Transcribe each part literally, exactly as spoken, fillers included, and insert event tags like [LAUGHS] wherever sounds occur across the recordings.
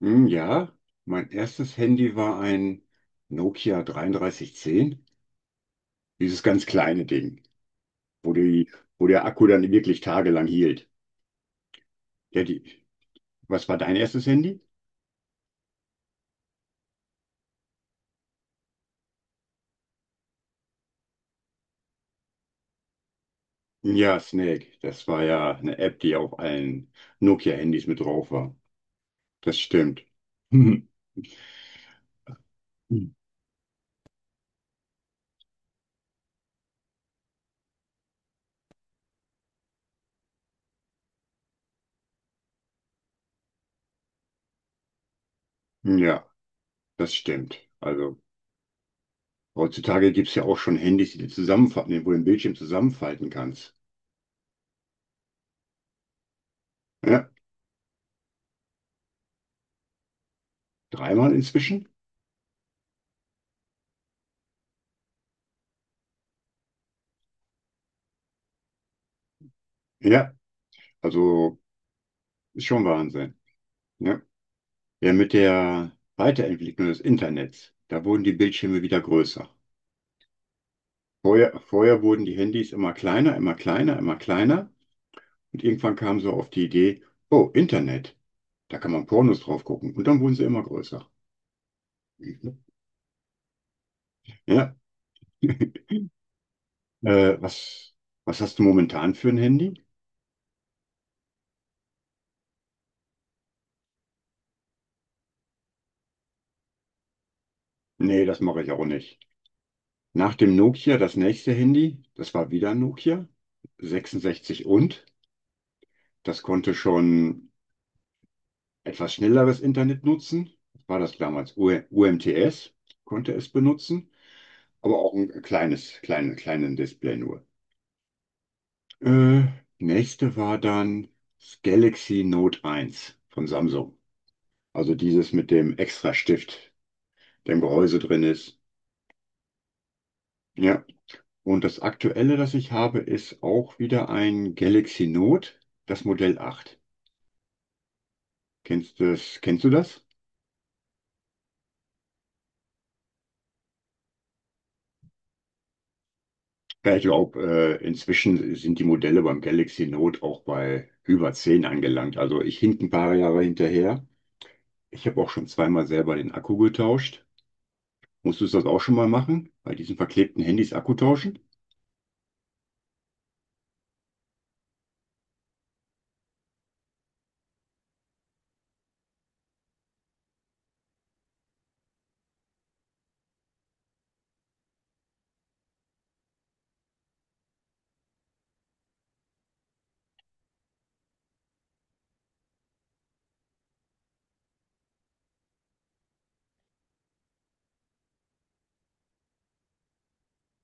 Hm, ja, mein erstes Handy war ein Nokia dreiunddreißig zehn, dieses ganz kleine Ding, wo die, wo der Akku dann wirklich tagelang hielt. Ja, die, Was war dein erstes Handy? Ja, Snake, das war ja eine App, die auf allen Nokia-Handys mit drauf war. Das stimmt. [LAUGHS] Hm. Ja, das stimmt. Also heutzutage gibt es ja auch schon Handys, die du zusammenfalten, wo du den Bildschirm zusammenfalten kannst. Ja, dreimal inzwischen? Ja, also ist schon Wahnsinn. Ja. Ja, mit der Weiterentwicklung des Internets, da wurden die Bildschirme wieder größer. Vorher, vorher wurden die Handys immer kleiner, immer kleiner, immer kleiner. Und irgendwann kam so auf die Idee, oh, Internet, da kann man Pornos drauf gucken. Und dann wurden sie immer größer. Ja. [LAUGHS] Äh, was, Was hast du momentan für ein Handy? Nee, das mache ich auch nicht. Nach dem Nokia, das nächste Handy, das war wieder ein Nokia, sechsundsechzig und. Das konnte schon etwas schnelleres Internet nutzen. Das war das damals U- UMTS, konnte es benutzen, aber auch ein kleines, kleines, kleines Display nur. Äh, nächste war dann das Galaxy Note eins von Samsung. Also dieses mit dem extra Stift, der im Gehäuse drin ist. Ja. Und das aktuelle, das ich habe, ist auch wieder ein Galaxy Note, das Modell acht. Kennst du das, kennst du das? Ja, ich glaube, äh, inzwischen sind die Modelle beim Galaxy Note auch bei über zehn angelangt. Also ich hink ein paar Jahre hinterher. Ich habe auch schon zweimal selber den Akku getauscht. Musstest du das auch schon mal machen? Bei diesen verklebten Handys Akku tauschen?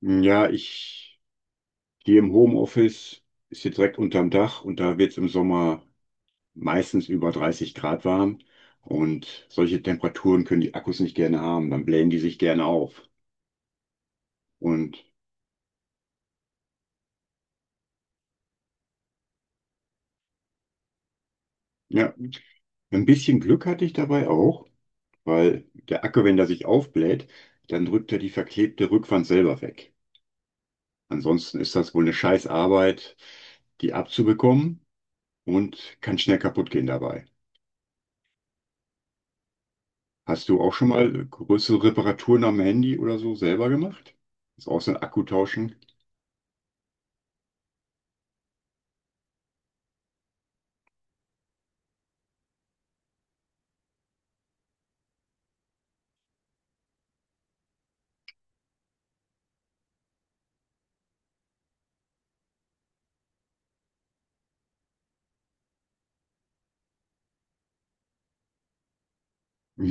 Ja, ich hier im Homeoffice ist hier direkt unterm Dach und da wird es im Sommer meistens über dreißig Grad warm. Und solche Temperaturen können die Akkus nicht gerne haben. Dann blähen die sich gerne auf. Und ja, ein bisschen Glück hatte ich dabei auch, weil der Akku, wenn der sich aufbläht, dann drückt er die verklebte Rückwand selber weg. Ansonsten ist das wohl eine scheiß Arbeit, die abzubekommen, und kann schnell kaputt gehen dabei. Hast du auch schon mal größere Reparaturen am Handy oder so selber gemacht? Ist auch so ein Akku tauschen.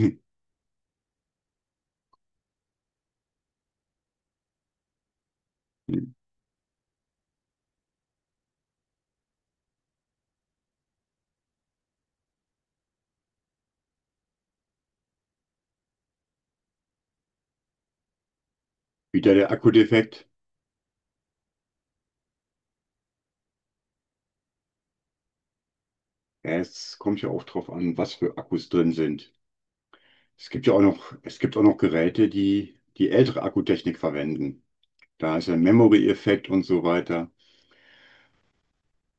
[LAUGHS] Wieder der Akku defekt. Ja, es kommt ja auch drauf an, was für Akkus drin sind. Es gibt ja auch noch, es gibt auch noch Geräte, die die ältere Akkutechnik verwenden. Da ist ein Memory-Effekt und so weiter.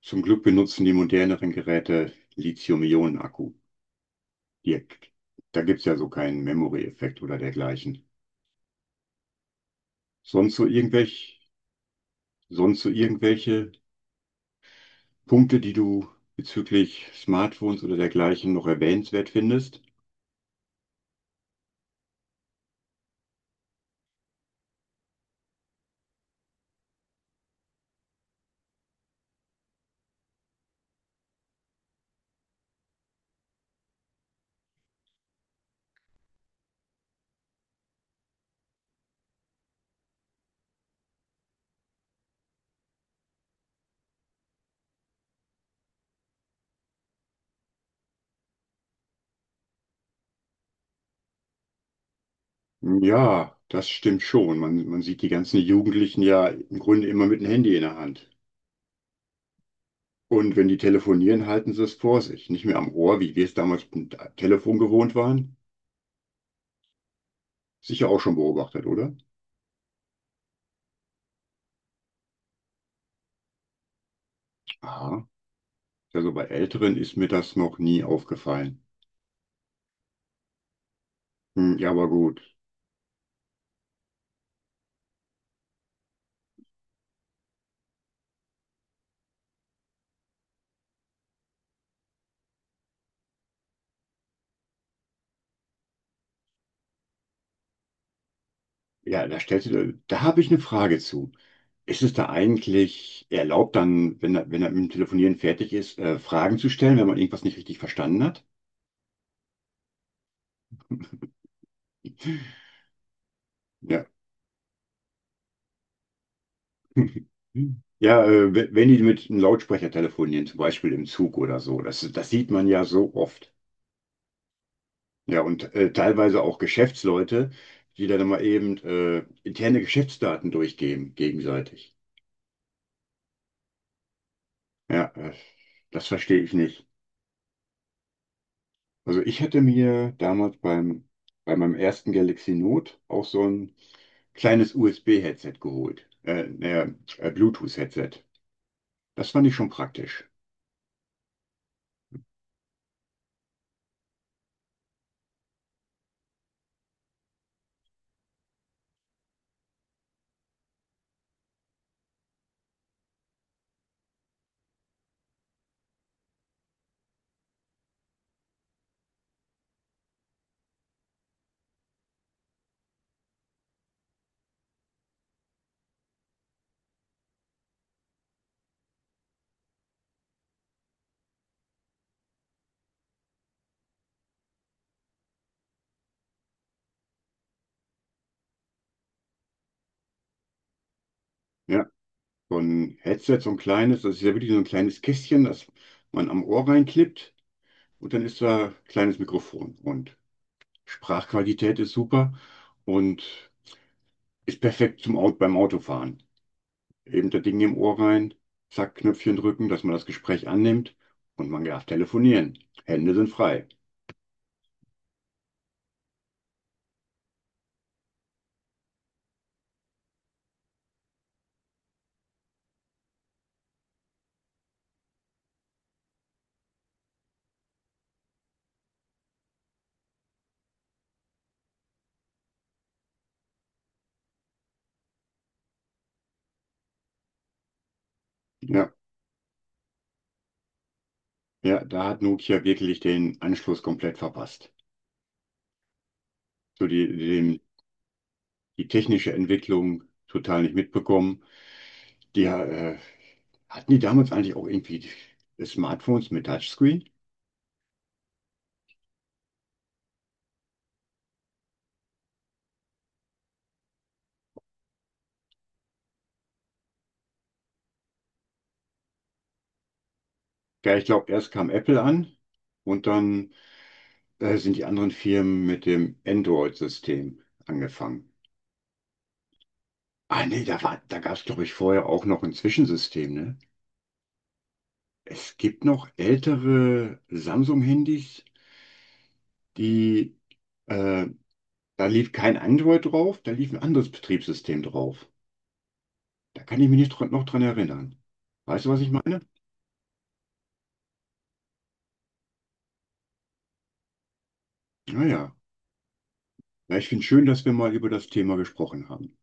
Zum Glück benutzen die moderneren Geräte Lithium-Ionen-Akku direkt. Da gibt's ja so keinen Memory-Effekt oder dergleichen. Sonst so irgendwelche, sonst so irgendwelche Punkte, die du bezüglich Smartphones oder dergleichen noch erwähnenswert findest? Ja, das stimmt schon. Man, man sieht die ganzen Jugendlichen ja im Grunde immer mit dem Handy in der Hand. Und wenn die telefonieren, halten sie es vor sich. Nicht mehr am Ohr, wie wir es damals mit dem Telefon gewohnt waren. Sicher auch schon beobachtet, oder? Aha. Also bei Älteren ist mir das noch nie aufgefallen. Hm, ja, aber gut. Ja, da stellst du, da habe ich eine Frage zu. Ist es da eigentlich erlaubt, dann, wenn er, wenn er mit dem Telefonieren fertig ist, äh, Fragen zu stellen, wenn man irgendwas nicht richtig verstanden hat? Ja. [LAUGHS] Ja, äh, we- wenn die mit einem Lautsprecher telefonieren, zum Beispiel im Zug oder so, das, das sieht man ja so oft. Ja, und äh, teilweise auch Geschäftsleute, die dann mal eben äh, interne Geschäftsdaten durchgeben, gegenseitig. Ja, äh, Das verstehe ich nicht. Also ich hätte mir damals beim, bei meinem ersten Galaxy Note auch so ein kleines U S B-Headset geholt. Äh, naja, äh, Bluetooth-Headset Das fand ich schon praktisch. Ja, so ein Headset, so ein kleines, das ist ja wirklich so ein kleines Kästchen, das man am Ohr reinklippt, und dann ist da ein kleines Mikrofon. Und Sprachqualität ist super und ist perfekt zum Auto, beim Autofahren. Eben der Ding im Ohr rein, zack, Knöpfchen drücken, dass man das Gespräch annimmt, und man darf telefonieren. Hände sind frei. Ja, ja, da hat Nokia wirklich den Anschluss komplett verpasst. So die, die, Die technische Entwicklung total nicht mitbekommen. Die, äh, Hatten die damals eigentlich auch irgendwie Smartphones mit Touchscreen? Ja, ich glaube, erst kam Apple an, und dann äh, sind die anderen Firmen mit dem Android-System angefangen. Ah nee, da war, da gab es, glaube ich, vorher auch noch ein Zwischensystem, ne? Es gibt noch ältere Samsung-Handys, die, äh, da lief kein Android drauf, da lief ein anderes Betriebssystem drauf. Da kann ich mich nicht dran- noch dran erinnern. Weißt du, was ich meine? Naja, ja, ich finde es schön, dass wir mal über das Thema gesprochen haben.